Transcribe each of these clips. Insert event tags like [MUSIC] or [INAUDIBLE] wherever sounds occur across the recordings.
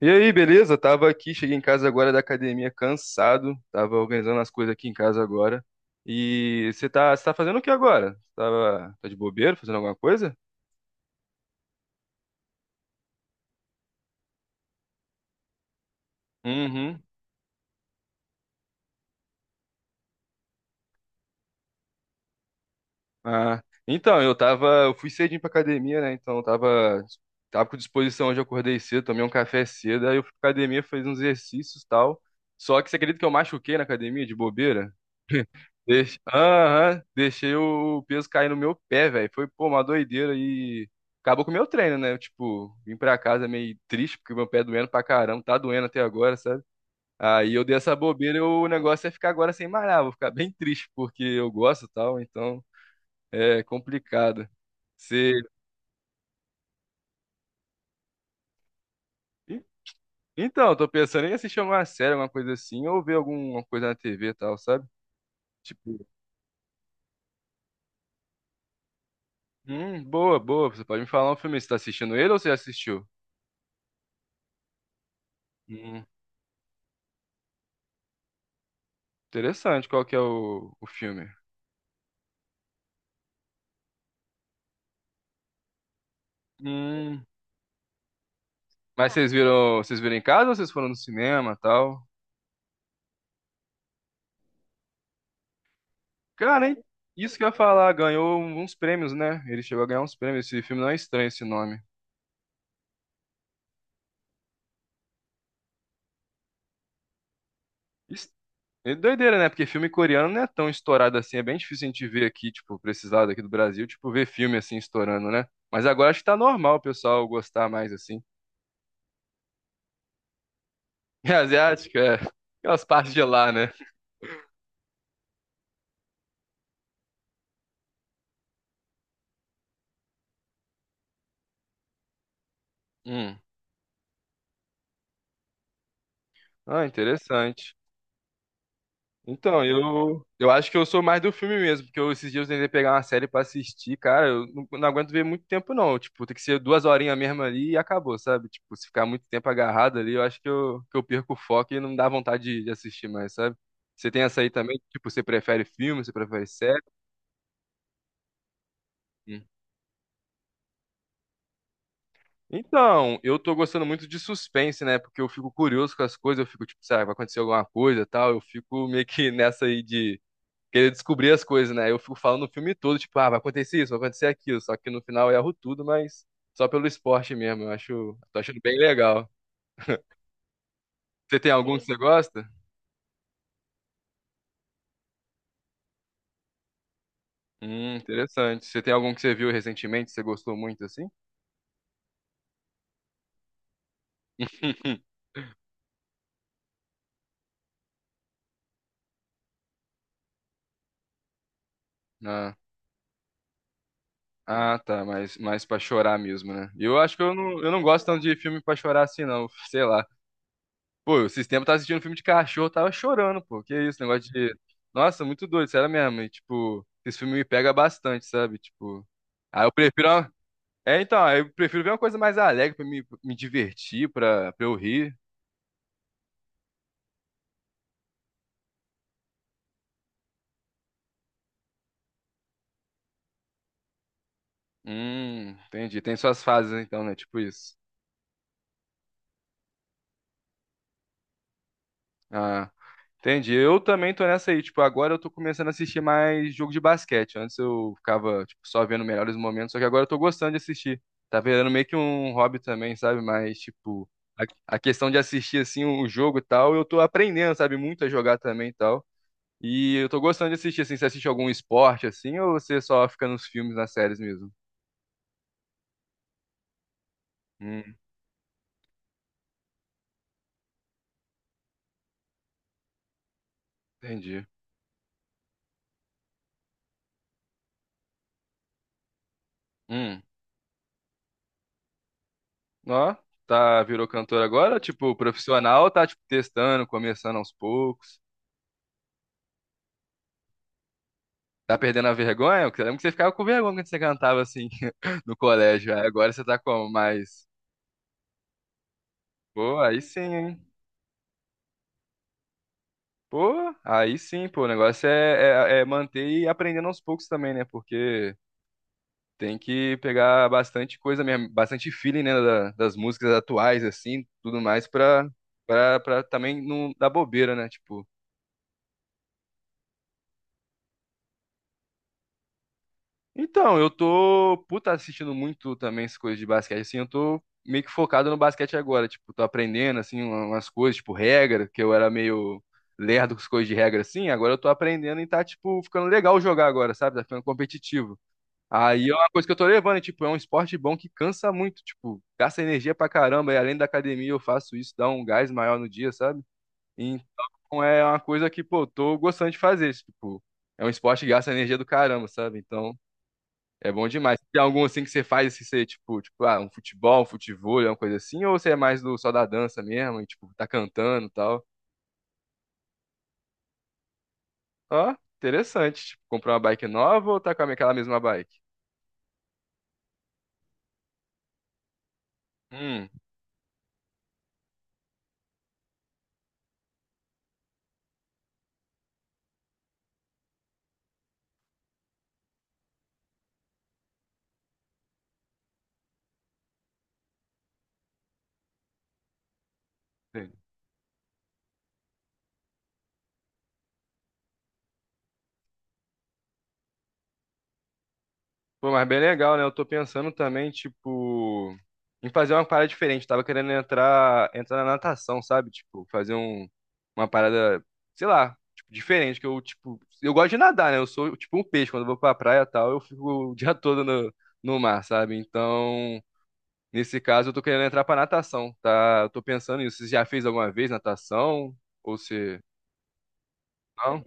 E aí, beleza? Tava aqui, cheguei em casa agora da academia cansado, tava organizando as coisas aqui em casa agora. E você tá fazendo o que agora? Tava, tá de bobeira, fazendo alguma coisa? Uhum. Ah, então, eu fui cedinho pra academia, né? Tava com disposição hoje, eu acordei cedo, tomei um café cedo, aí eu fui pra academia, fiz uns exercícios e tal. Só que você acredita que eu machuquei na academia de bobeira? Aham, deixei o peso cair no meu pé, velho. Foi, pô, uma doideira e acabou com o meu treino, né? Eu, tipo, vim pra casa meio triste porque meu pé doendo pra caramba, tá doendo até agora, sabe? Aí eu dei essa bobeira e o negócio é ficar agora sem malhar, vou ficar bem triste porque eu gosto e tal, então é complicado. Você... En- Então, eu tô pensando em assistir uma série, alguma coisa assim, ou ver alguma coisa na TV e tal, sabe? Tipo, boa, boa. Você pode me falar um filme, você tá assistindo ele ou você já assistiu? Hum. Interessante, qual que é o filme? Hum, Mas vocês viram em casa ou vocês foram no cinema, tal? Cara, hein? Isso que eu ia falar, ganhou uns prêmios, né? Ele chegou a ganhar uns prêmios. Esse filme não é estranho esse nome. Es- É doideira, né? Porque filme coreano não é tão estourado assim. É bem difícil a gente ver aqui, tipo, precisar daqui do Brasil, tipo, ver filme assim estourando, né? Mas agora acho que tá normal o pessoal gostar mais assim. [LAUGHS] É asiático, é. Aquelas partes de lá, né? Hum. Ah, interessante. Então, eu acho que eu sou mais do filme mesmo, porque eu, esses dias eu tentei pegar uma série pra assistir, cara, eu não, não aguento ver muito tempo não, tipo, tem que ser duas horinhas mesmo ali e acabou, sabe? Tipo, se ficar muito tempo agarrado ali, eu acho que que eu perco o foco e não dá vontade de assistir mais, sabe? Você tem essa aí também, tipo, você prefere filme, você prefere série? Hum. Então, eu tô gostando muito de suspense, né? Porque eu fico curioso com as coisas, eu fico tipo, sabe, vai acontecer alguma coisa e tal, eu fico meio que [LAUGHS] nessa aí de querer descobrir as coisas, né? Eu fico falando o filme todo, tipo, ah, vai acontecer isso, vai acontecer aquilo. Só que no final eu erro tudo, mas só pelo esporte mesmo. Eu acho, tô achando bem legal. Você tem algum que você gosta? Interessante. Você tem algum que você viu recentemente, que você gostou muito assim? [LAUGHS] Ah, ah, tá, mas mais para chorar mesmo, né? Eu acho que eu não gosto tanto de filme pra chorar assim, não. [LAUGHS] Sei lá. Pô, esses tempos eu tava assistindo um filme de cachorro, eu tava chorando, pô. Que isso, negócio de. Nossa, muito doido, sério mesmo. E, tipo, esse filme me pega bastante, sabe? Tipo. Aí eu prefiro. Uma- É, então, aí eu prefiro ver uma coisa mais alegre pra me divertir, pra eu rir. Entendi. Tem suas fases, então, né? Tipo isso. Ah, entendi. Eu também tô nessa aí. Tipo, agora eu tô começando a assistir mais jogo de basquete. Antes eu ficava, tipo, só vendo melhores momentos, só que agora eu tô gostando de assistir. Tá virando meio que um hobby também, sabe? Mas, tipo, a questão de assistir, assim, o jogo e tal, eu tô aprendendo, sabe? Muito a jogar também e tal. E eu tô gostando de assistir, assim, você assiste algum esporte, assim, ou você só fica nos filmes, nas séries mesmo? Hum, entendi. Hum, ó, tá, virou cantor agora? Tipo, profissional, tá, tipo, testando, começando aos poucos? Tá perdendo a vergonha? Porque eu lembro que você ficava com vergonha quando você cantava assim [LAUGHS] no colégio. Aí agora você tá como? Mas, pô, aí sim, hein? Pô, aí sim, pô. O negócio é, é manter e aprendendo aos poucos também, né? Porque tem que pegar bastante coisa mesmo, bastante feeling, né? Das músicas atuais, assim, tudo mais, pra também não dar bobeira, né? Tipo. Então, eu tô, puta, assistindo muito também essas coisas de basquete, assim, eu tô meio que focado no basquete agora, tipo, tô aprendendo, assim, umas coisas, tipo, regra, que eu era meio lerdo com as coisas de regra, assim, agora eu tô aprendendo e tá, tipo, ficando legal jogar agora, sabe, tá ficando competitivo. Aí é uma coisa que eu tô levando, e, tipo, é um esporte bom que cansa muito, tipo, gasta energia pra caramba, e além da academia eu faço isso, dá um gás maior no dia, sabe? Então é uma coisa que, pô, tô gostando de fazer, tipo, é um esporte que gasta energia do caramba, sabe? Então... É bom demais. Tem algum assim que você faz, assim, você, tipo, ah, um futebol, um futevôlei, alguma coisa assim, ou você é mais do só da dança mesmo, e, tipo, tá cantando e tal? Ó, interessante. Tipo, comprar uma bike nova ou tá com aquela mesma bike? Hum, Pô, mas bem legal, né? Eu tô pensando também, tipo, em fazer uma parada diferente. Tava querendo entrar na natação, sabe? Tipo, fazer um, uma parada, sei lá, tipo, diferente. Que eu, tipo, eu gosto de nadar, né? Eu sou tipo um peixe. Quando eu vou pra praia e tal, eu fico o dia [LAUGHS] todo no, no mar, sabe? Então, nesse caso, eu tô querendo entrar pra natação, tá? Eu tô pensando nisso. Você já fez alguma vez natação? Ou se. Não?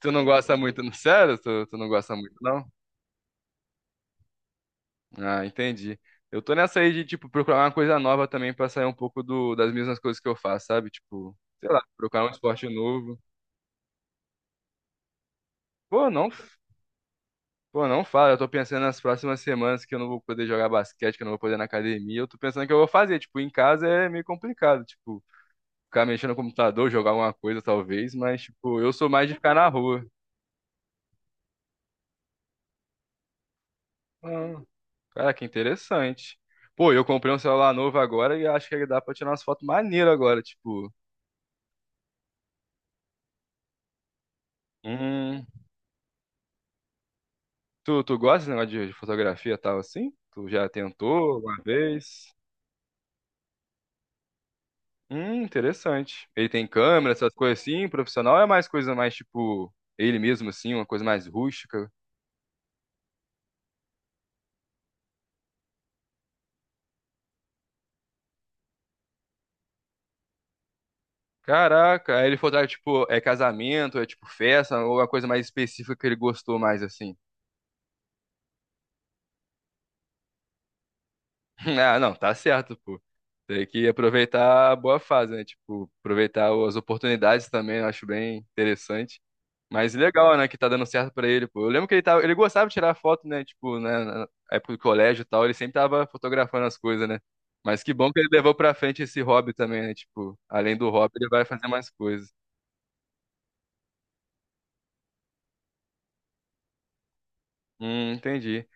Tu não gosta muito, não? Sério? Tu não gosta muito, não? Ah, entendi. Eu tô nessa aí de, tipo, procurar uma coisa nova também pra sair um pouco do, das mesmas coisas que eu faço, sabe? Tipo, sei lá, procurar um esporte novo. Pô, não, não fala. Eu tô pensando nas próximas semanas que eu não vou poder jogar basquete, que eu não vou poder ir na academia. Eu tô pensando o que eu vou fazer. Tipo, em casa é meio complicado. Tipo, ficar mexendo no computador, jogar alguma coisa, talvez. Mas, tipo, eu sou mais de ficar na rua. Ah, cara, que interessante. Pô, eu comprei um celular novo agora e acho que dá pra tirar umas fotos maneiras agora, tipo. Hum. Tu gosta desse negócio de fotografia e tal assim? Tu já tentou uma vez? Interessante. Ele tem câmera, essas coisas assim, profissional ou é mais coisa mais tipo ele mesmo assim, uma coisa mais rústica. Caraca, aí ele fotografa tipo é casamento, é tipo festa, ou uma coisa mais específica que ele gostou mais assim. [LAUGHS] Ah, não, tá certo, pô. Tem que aproveitar a boa fase, né? Tipo, aproveitar as oportunidades também, eu acho bem interessante. Mas legal, né, que tá dando certo pra ele, pô. Eu lembro que ele tava, ele gostava de tirar foto, né, tipo, né, na época do colégio e tal, ele sempre tava fotografando as coisas, né? Mas que bom que ele levou pra frente esse hobby também, né? Tipo, além do hobby, ele vai fazer mais coisas. Entendi.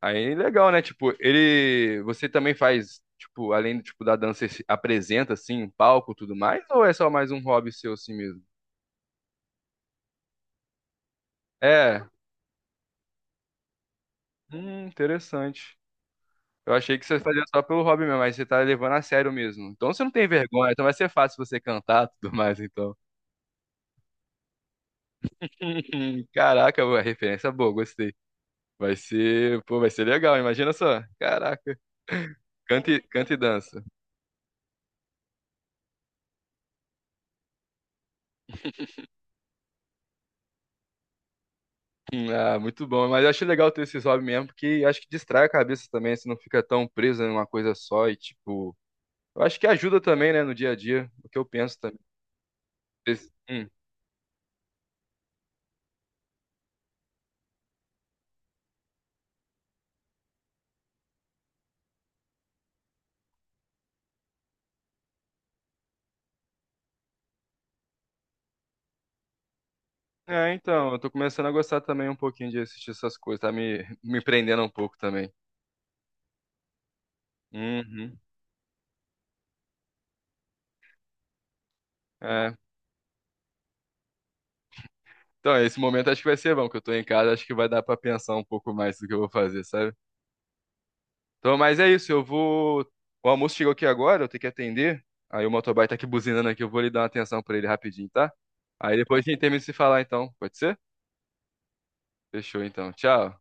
Aí legal, né? Tipo, ele, você também faz, tipo, além, tipo, da dança, você se apresenta assim, em palco, e tudo mais, ou é só mais um hobby seu assim mesmo? É. Interessante. Eu achei que você fazia só pelo hobby mesmo, mas você tá levando a sério mesmo. Então você não tem vergonha, então vai ser fácil você cantar e tudo mais, então. [LAUGHS] Caraca, boa, referência boa, gostei. Vai ser, pô, vai ser legal, imagina só. Caraca. Canta e dança. Ah, muito bom. Mas eu acho legal ter esses hobbies mesmo, porque eu acho que distrai a cabeça também, você não fica tão preso em uma coisa só e, tipo, eu acho que ajuda também, né, no dia a dia, o que eu penso também. Hum. É, então, eu tô começando a gostar também um pouquinho de assistir essas coisas, tá me prendendo um pouco também. Uhum. É. Então, esse momento acho que vai ser bom, que eu tô em casa, acho que vai dar pra pensar um pouco mais do que eu vou fazer, sabe? Então, mas é isso, eu vou. O almoço chegou aqui agora, eu tenho que atender. Aí o motoboy tá aqui buzinando aqui, eu vou lhe dar uma atenção pra ele rapidinho, tá? Aí depois a gente termina de se falar então, pode ser? Fechou então, tchau.